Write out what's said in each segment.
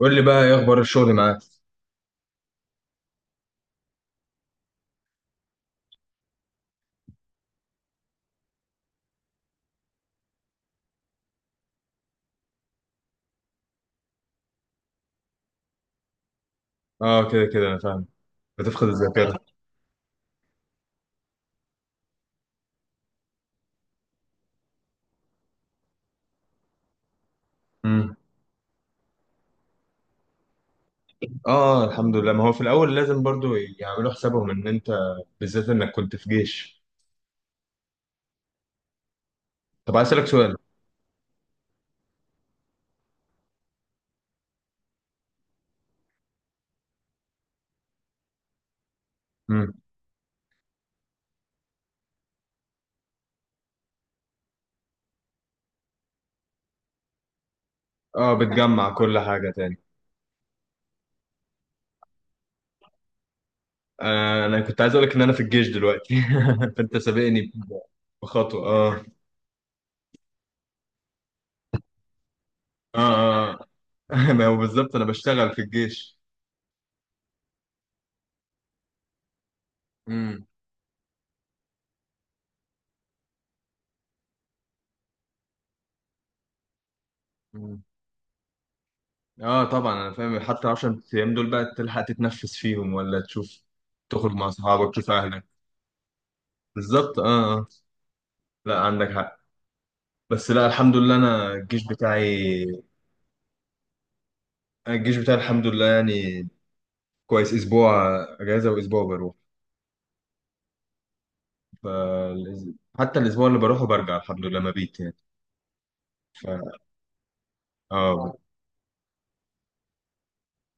قول لي بقى ايه اخبار الشغل معاك؟ اه، كده كده انا فاهم. بتفقد الذاكره. امم. اه، الحمد لله. ما هو في الاول لازم برضو يعملوا حسابهم ان انت بالذات انك كنت في جيش. طب عايز اسالك سؤال. امم. اه، بتجمع كل حاجه تاني. آه، انا كنت عايز اقول لك ان انا في الجيش دلوقتي. فانت سابقني بخطوه، اه. اه، اه. ما هو بالظبط انا بشتغل في الجيش. امم، أمم. اه، طبعا انا فاهم. حتى 10 ايام دول بقى تلحق تتنفس فيهم ولا تشوف تخرج مع اصحابك تشوف اهلك؟ بالظبط. اه، آه. لا، عندك حق. بس لا، الحمد لله انا الجيش بتاعي. الجيش بتاعي الحمد لله يعني كويس، اسبوع اجازه واسبوع بروح. ف حتى الاسبوع اللي بروحه برجع الحمد لله، مبيت يعني. ف... اه.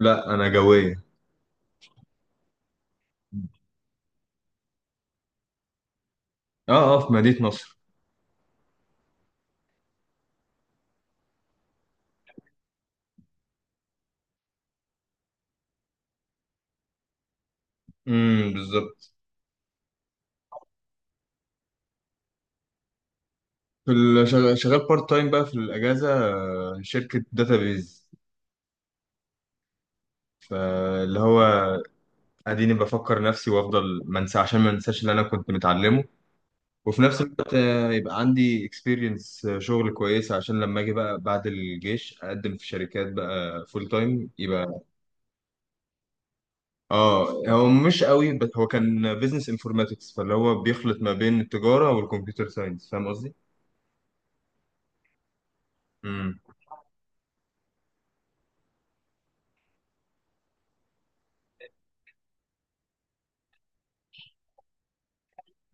لا، انا جويه. اه، اه، في مدينه نصر. امم، بالظبط. في شغال بارت تايم بقى في الاجازه، شركه داتابيز. فاللي هو اديني بفكر نفسي وافضل ما انسى عشان ما انساش اللي انا كنت متعلمه، وفي نفس الوقت يبقى عندي اكسبيرينس شغل كويسة عشان لما اجي بقى بعد الجيش اقدم في شركات بقى فول تايم يبقى. اه هو مش قوي، بس هو كان بيزنس انفورماتكس فاللي هو بيخلط ما بين التجارة والكمبيوتر ساينس. فاهم قصدي؟ امم،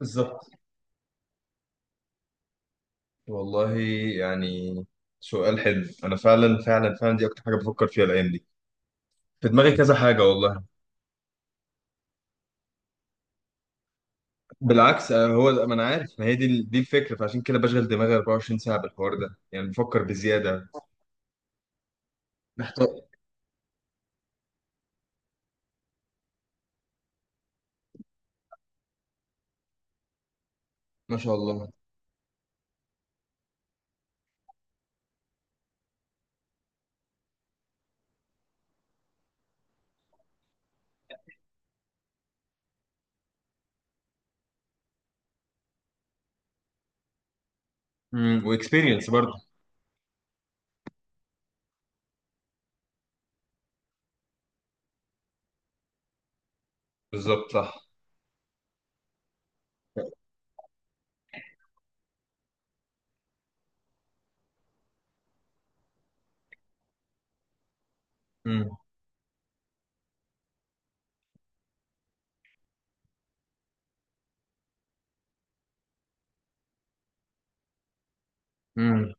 بالظبط. والله يعني سؤال حلو. انا فعلا فعلا فعلا دي اكتر حاجة بفكر فيها الايام دي. في دماغي كذا حاجة والله. بالعكس، هو ما انا عارف، ما هي دي الفكرة. فعشان كده بشغل دماغي 24 ساعة بالحوار ده يعني بفكر بزيادة. محتار. ما شاء الله. امم، واكسبيرينس برضه. بالظبط صح. امم، امم،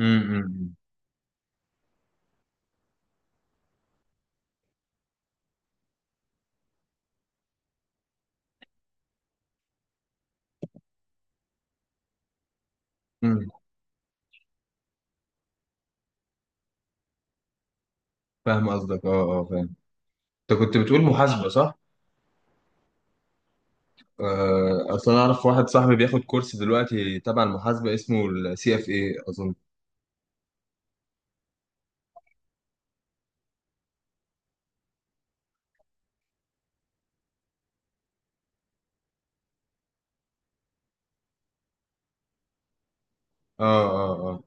امم، امم. فاهم قصدك. اه، اه، فاهم. انت كنت بتقول محاسبه، صح؟ آه، اصل انا اعرف واحد صاحبي بياخد كورس دلوقتي تبع المحاسبه اسمه CFA اظن. اه، اه، اه.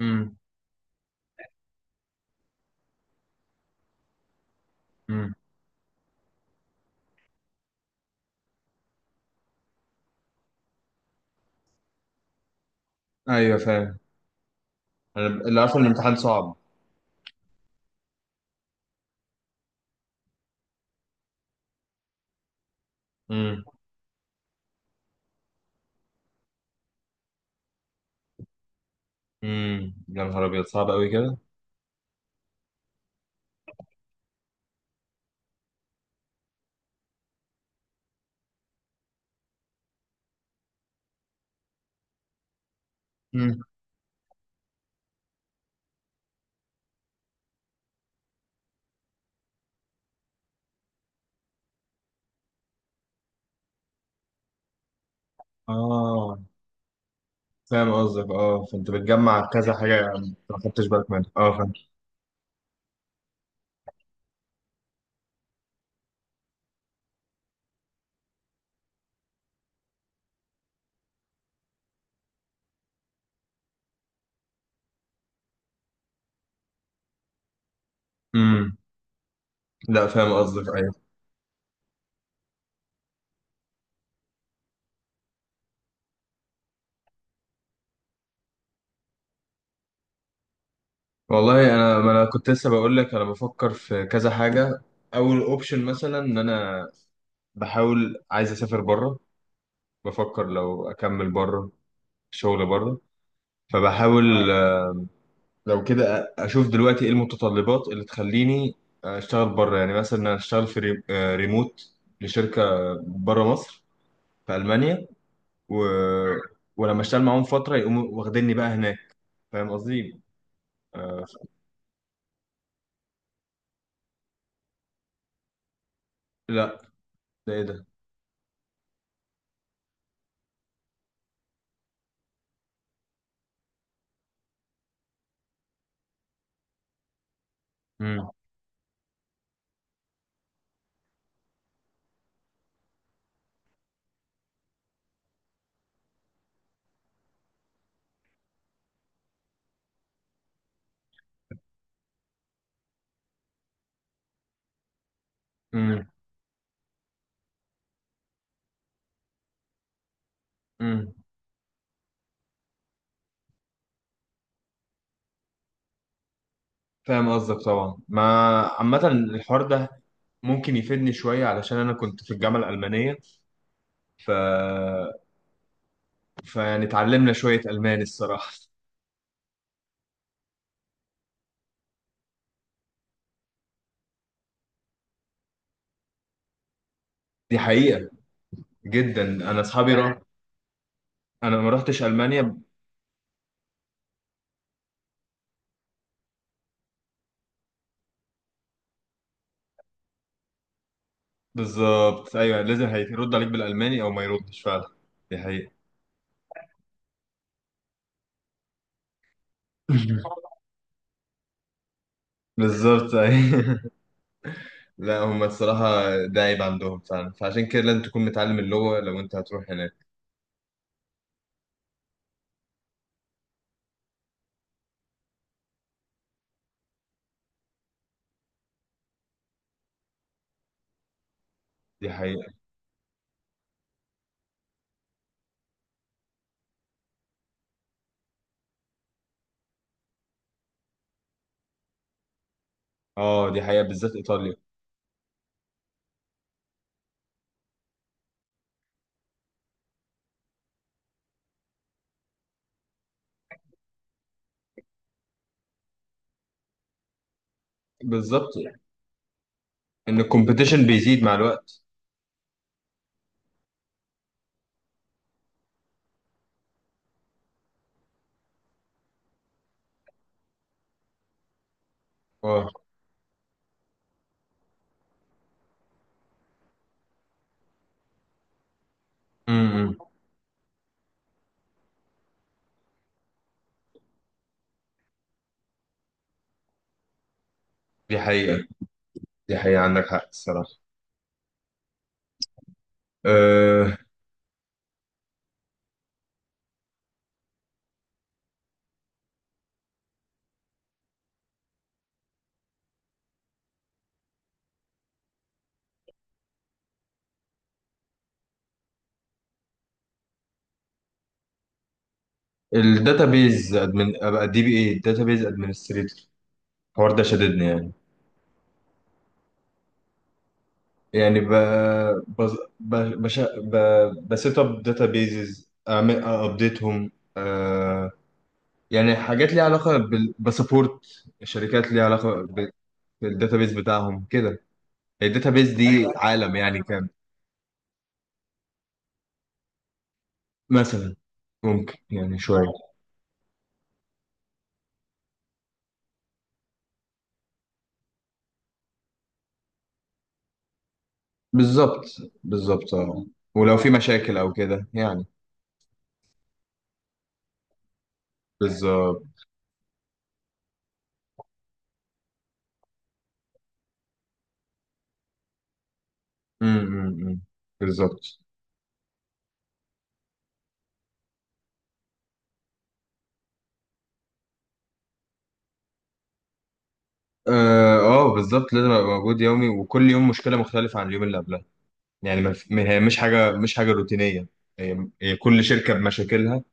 امم، امم. ايوه فاهم. انا اللي عارفه ان الامتحان صعب. امم، امم، يا نهار ابيض صعب قوي كده. امم. اه، فاهم قصدك. اه، فانت بتجمع كذا حاجه يعني ما خدتش بالك منها. اه، فاهم. امم. لا، فاهم قصدك. أيوة. والله انا، ما انا كنت لسه بقول لك انا بفكر في كذا حاجه. اول اوبشن مثلا ان انا بحاول، عايز اسافر بره. بفكر لو اكمل بره، شغل بره. فبحاول لو كده اشوف دلوقتي ايه المتطلبات اللي تخليني اشتغل بره. يعني مثلا انا اشتغل في ريموت لشركه بره مصر، في المانيا و... ولما اشتغل معاهم فتره يقوموا واخديني بقى هناك. فاهم قصدي؟ آه، لا، ده ايه ده؟ امم. امم، فاهم قصدك طبعا. ما عامة الحوار ده ممكن يفيدني شوية علشان أنا كنت في الجامعة الألمانية. ف... فيعني اتعلمنا شوية ألماني الصراحة. دي حقيقة جدا. أنا أصحابي راح، آه. أنا ما رحتش ألمانيا. بالظبط أيوه، لازم هيرد عليك بالألماني أو ما يردش فعلا. دي حقيقة. بالظبط أيوه. لا، هم الصراحة ده عيب عندهم فعلا، فعشان كده لازم تكون متعلم اللغة لو أنت هتروح هناك. دي حقيقة. اه، دي حقيقة بالذات إيطاليا. بالظبط، ان الكومبيتيشن بيزيد مع الوقت. اه. امم. دي حقيقة. دي حقيقة، عندك حق الصراحة. أه. الداتابيز ادمن، ابقى DBA، الداتابيز ادمنستريتور. الحوار ده شددني يعني. يعني ب بز- ب بش ب بسيت اب داتابيزز اعمل ابديتهم، أه. يعني حاجات ليها علاقة بسبورت، شركات ليها علاقة بالداتابيز بتاعهم كده. الداتابيز دي عالم يعني كامل. مثلا ممكن، يعني شوية. بالظبط، بالظبط، اه. ولو في مشاكل او كده يعني. بالظبط. امم، بالظبط. بالظبط لازم ابقى موجود يومي، وكل يوم مشكله مختلفه عن اليوم اللي قبلها. يعني ما في- ما- هي مش حاجه روتينيه. هي كل شركه بمشاكلها،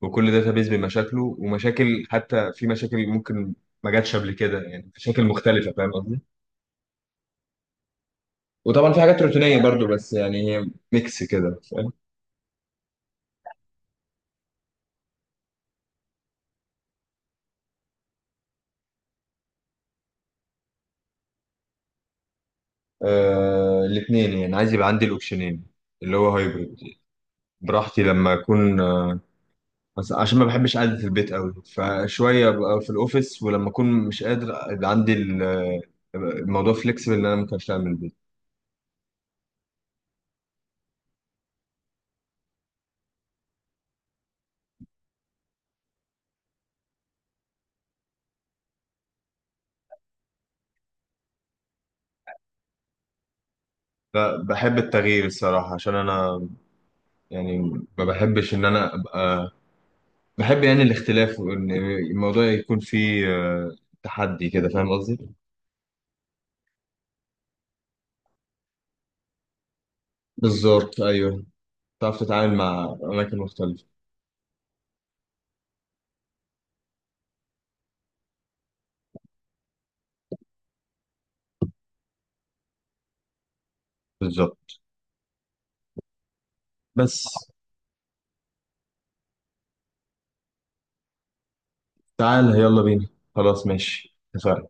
وكل داتابيز بمشاكله. ومشاكل حتى، في مشاكل ممكن ما جاتش قبل كده يعني، مشاكل مختلفه. فاهم قصدي؟ وطبعا في حاجات روتينيه برضو، بس يعني هي ميكس كده، فاهم. آه، الاثنين يعني، عايز يبقى عندي الاوبشنين، اللي هو هايبرد، براحتي لما اكون. بس عشان ما بحبش قعدة البيت قوي فشوية ببقى في الاوفيس، ولما اكون مش قادر يبقى عندي الموضوع فليكسبل ان انا ممكن اشتغل من البيت. لا، بحب التغيير الصراحة عشان انا يعني ما بحبش ان انا ابقى، بحب يعني الاختلاف وان الموضوع يكون فيه تحدي كده. فاهم قصدي؟ بالظبط ايوه، تعرف تتعامل مع اماكن مختلفة. بالظبط بس تعال يلا بينا. خلاص ماشي اتفقنا.